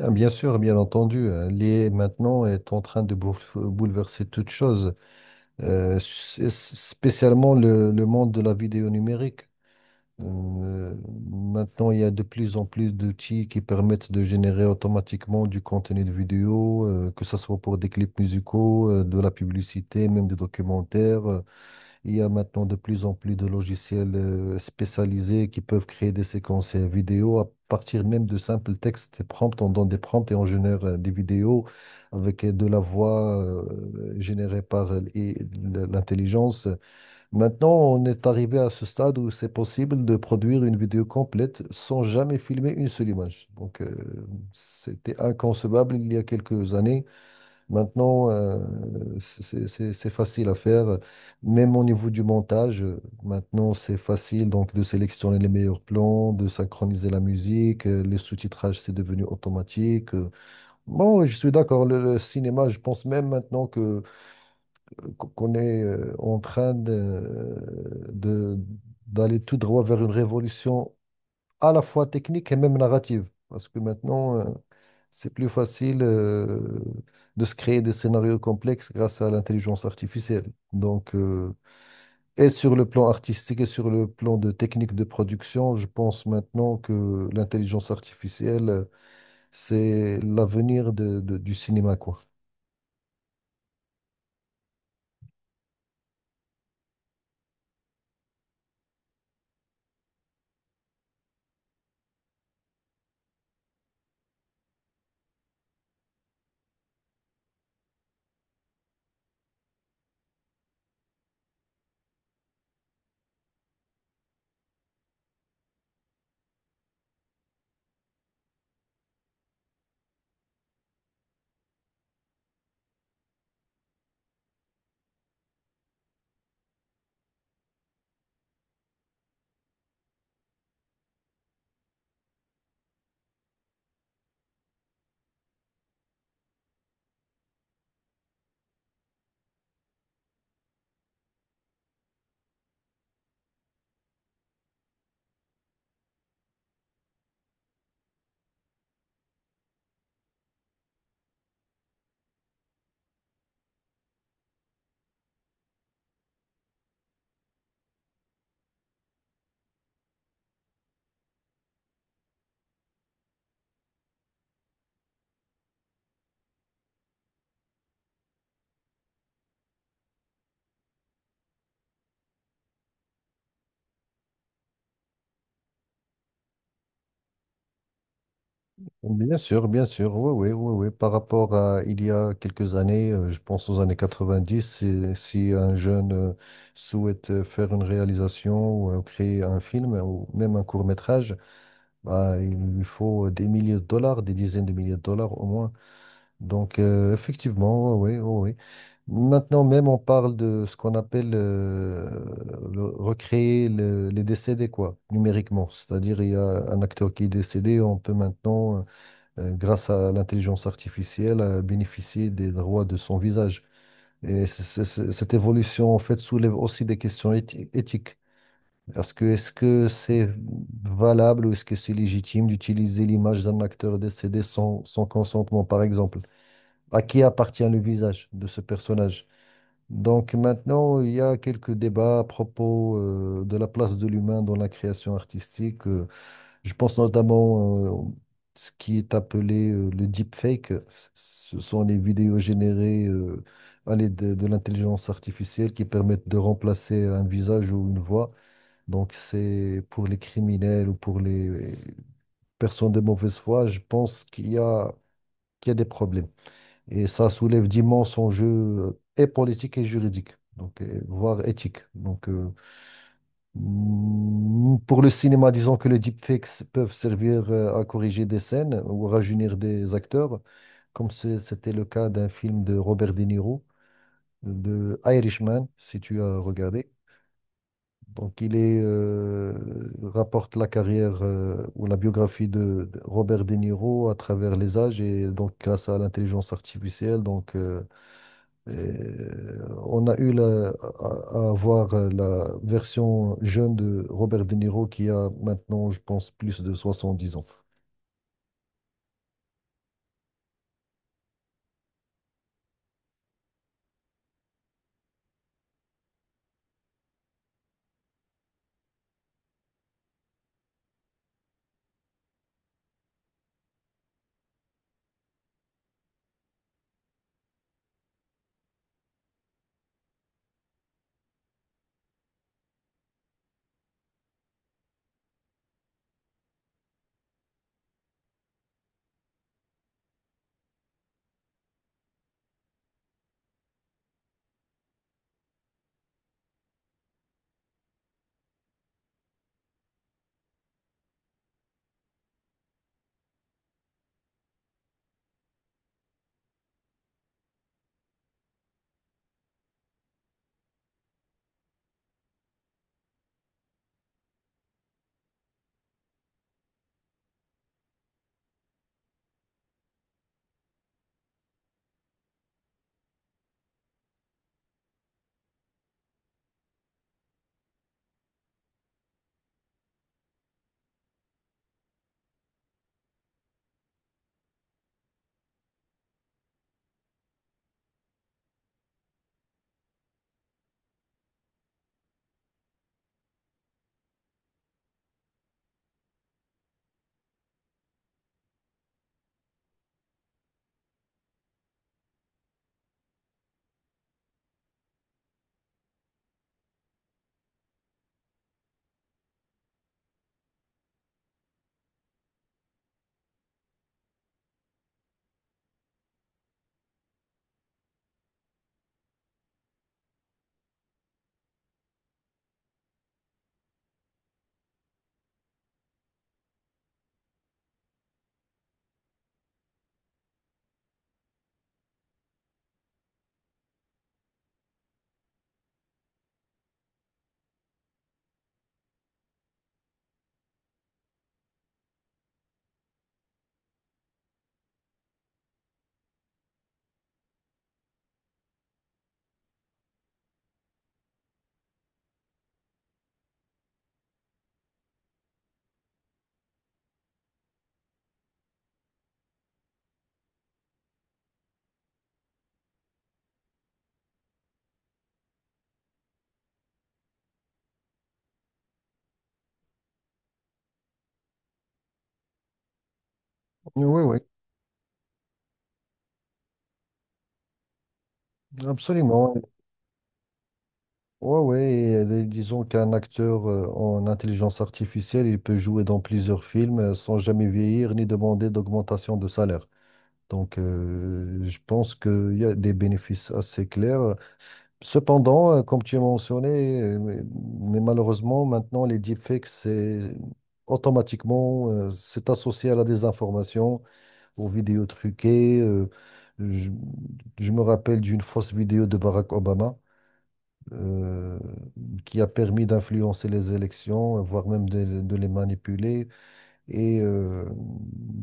Ah, bien sûr, bien entendu, l'IA maintenant est en train de bouleverser toute chose, spécialement le monde de la vidéo numérique. Euh, maintenant, il y a de plus en plus d'outils qui permettent de générer automatiquement du contenu de vidéo, que ce soit pour des clips musicaux, de la publicité, même des documentaires. Il y a maintenant de plus en plus de logiciels spécialisés qui peuvent créer des séquences vidéo à partir même de simples textes et prompts. On donne des prompts et on génère des vidéos avec de la voix générée par et l'intelligence. Maintenant, on est arrivé à ce stade où c'est possible de produire une vidéo complète sans jamais filmer une seule image. Donc, c'était inconcevable il y a quelques années. Maintenant, c'est facile à faire, même au niveau du montage. Maintenant, c'est facile donc de sélectionner les meilleurs plans, de synchroniser la musique, le sous-titrage, c'est devenu automatique. Bon, je suis d'accord, le cinéma, je pense même maintenant que qu'on est en train d'aller tout droit vers une révolution à la fois technique et même narrative. Parce que maintenant, c'est plus facile de se créer des scénarios complexes grâce à l'intelligence artificielle. Donc, et sur le plan artistique et sur le plan de technique de production, je pense maintenant que l'intelligence artificielle, c'est l'avenir du cinéma, quoi. Bien sûr, oui, oui, oui, oui. Par rapport à il y a quelques années, je pense aux années 90, si un jeune souhaite faire une réalisation ou créer un film ou même un court-métrage, bah, il lui faut des milliers de dollars, des dizaines de milliers de dollars au moins. Donc, effectivement, oui, oui, oui, oui. Maintenant même, on parle de ce qu'on appelle recréer les décédés, quoi, numériquement. C'est-à-dire, il y a un acteur qui est décédé, on peut maintenant grâce à l'intelligence artificielle, à bénéficier des droits de son visage. Et cette évolution, en fait, soulève aussi des questions éthiques. Parce que est-ce que c'est valable ou est-ce que c'est légitime d'utiliser l'image d'un acteur décédé sans consentement, par exemple? À qui appartient le visage de ce personnage? Donc maintenant, il y a quelques débats à propos de la place de l'humain dans la création artistique. Je pense notamment ce qui est appelé le deepfake. Ce sont les vidéos générées à l'aide de l'intelligence artificielle qui permettent de remplacer un visage ou une voix. Donc c'est pour les criminels ou pour les personnes de mauvaise foi, je pense qu'il y a des problèmes. Et ça soulève d'immenses enjeux et politiques et juridiques, donc, voire éthiques. Donc, pour le cinéma, disons que les deepfakes peuvent servir à corriger des scènes ou à rajeunir des acteurs, comme c'était le cas d'un film de Robert De Niro, de Irishman, si tu as regardé. Donc, il rapporte la carrière ou la biographie de Robert De Niro à travers les âges et donc grâce à l'intelligence artificielle. Donc, on a eu à voir la version jeune de Robert De Niro qui a maintenant, je pense, plus de 70 ans. Oui, oui, absolument. Oui, oui. Et, disons qu'un acteur en intelligence artificielle, il peut jouer dans plusieurs films sans jamais vieillir ni demander d'augmentation de salaire. Donc, je pense qu'il y a des bénéfices assez clairs. Cependant, comme tu as mentionné, mais malheureusement, maintenant, les deepfakes, c'est automatiquement, c'est associé à la désinformation, aux vidéos truquées. Je, je me rappelle d'une fausse vidéo de Barack Obama euh, qui a permis d'influencer les élections, voire même de les manipuler. Et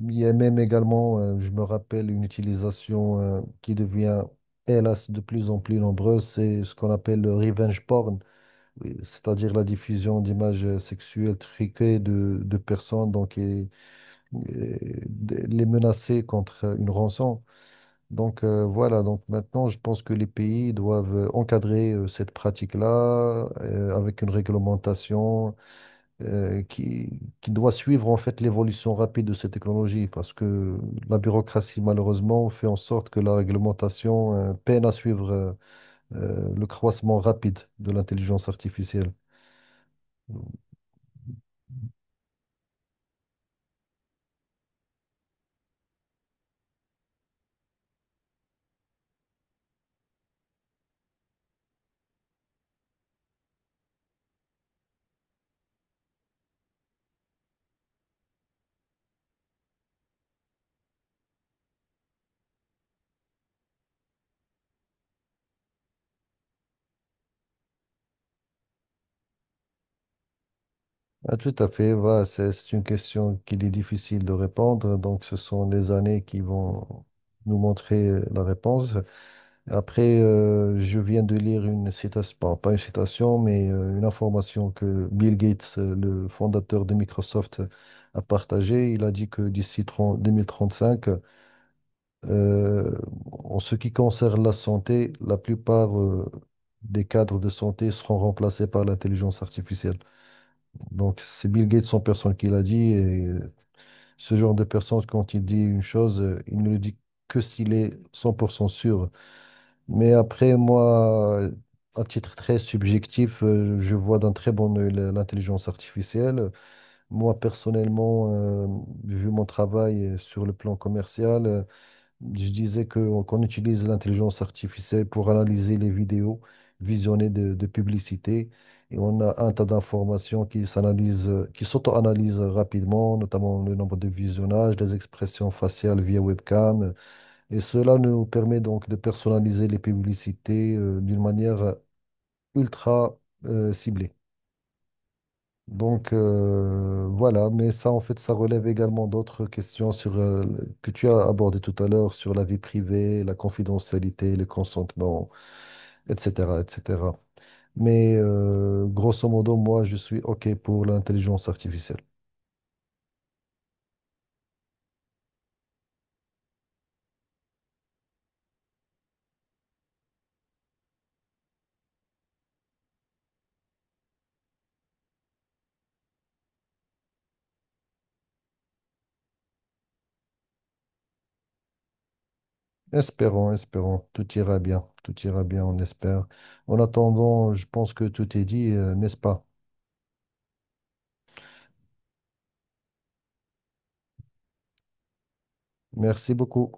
il y a même également, je me rappelle, une utilisation qui devient, hélas, de plus en plus nombreuse, c'est ce qu'on appelle le revenge porn, oui, c'est-à-dire la diffusion d'images sexuelles truquées de personnes donc, et les menacer contre une rançon. Donc voilà, donc maintenant, je pense que les pays doivent encadrer cette pratique-là avec une réglementation euh, qui, qui doit suivre en fait l'évolution rapide de ces technologies parce que la bureaucratie malheureusement fait en sorte que la réglementation peine à suivre le croissement rapide de l'intelligence artificielle. Ah, tout à fait, voilà, c'est une question qu'il est difficile de répondre, donc ce sont les années qui vont nous montrer la réponse. Après, je viens de lire une citation, bon, pas une citation, mais une information que Bill Gates, le fondateur de Microsoft, a partagée. Il a dit que d'ici 30 2035, euh, en ce qui concerne la santé, la plupart des cadres de santé seront remplacés par l'intelligence artificielle. Donc, c'est Bill Gates en personne qui l'a dit. Et ce genre de personne, quand il dit une chose, il ne le dit que s'il est 100% sûr. Mais après, moi, à titre très subjectif, je vois d'un très bon œil l'intelligence artificielle. Moi, personnellement, vu mon travail sur le plan commercial, je disais qu'on utilise l'intelligence artificielle pour analyser les vidéos visionnées de publicité. Et on a un tas d'informations qui s'analysent, qui s'auto-analysent rapidement, notamment le nombre de visionnages, les expressions faciales via webcam. Et cela nous permet donc de personnaliser les publicités, d'une manière ultra, ciblée. Donc voilà, mais ça en fait, ça relève également d'autres questions sur, que tu as abordées tout à l'heure sur la vie privée, la confidentialité, le consentement, etc., etc. Mais grosso modo, moi, je suis OK pour l'intelligence artificielle. Espérons, espérons. Tout ira bien. Tout ira bien, on espère. En attendant, je pense que tout est dit, n'est-ce pas? Merci beaucoup.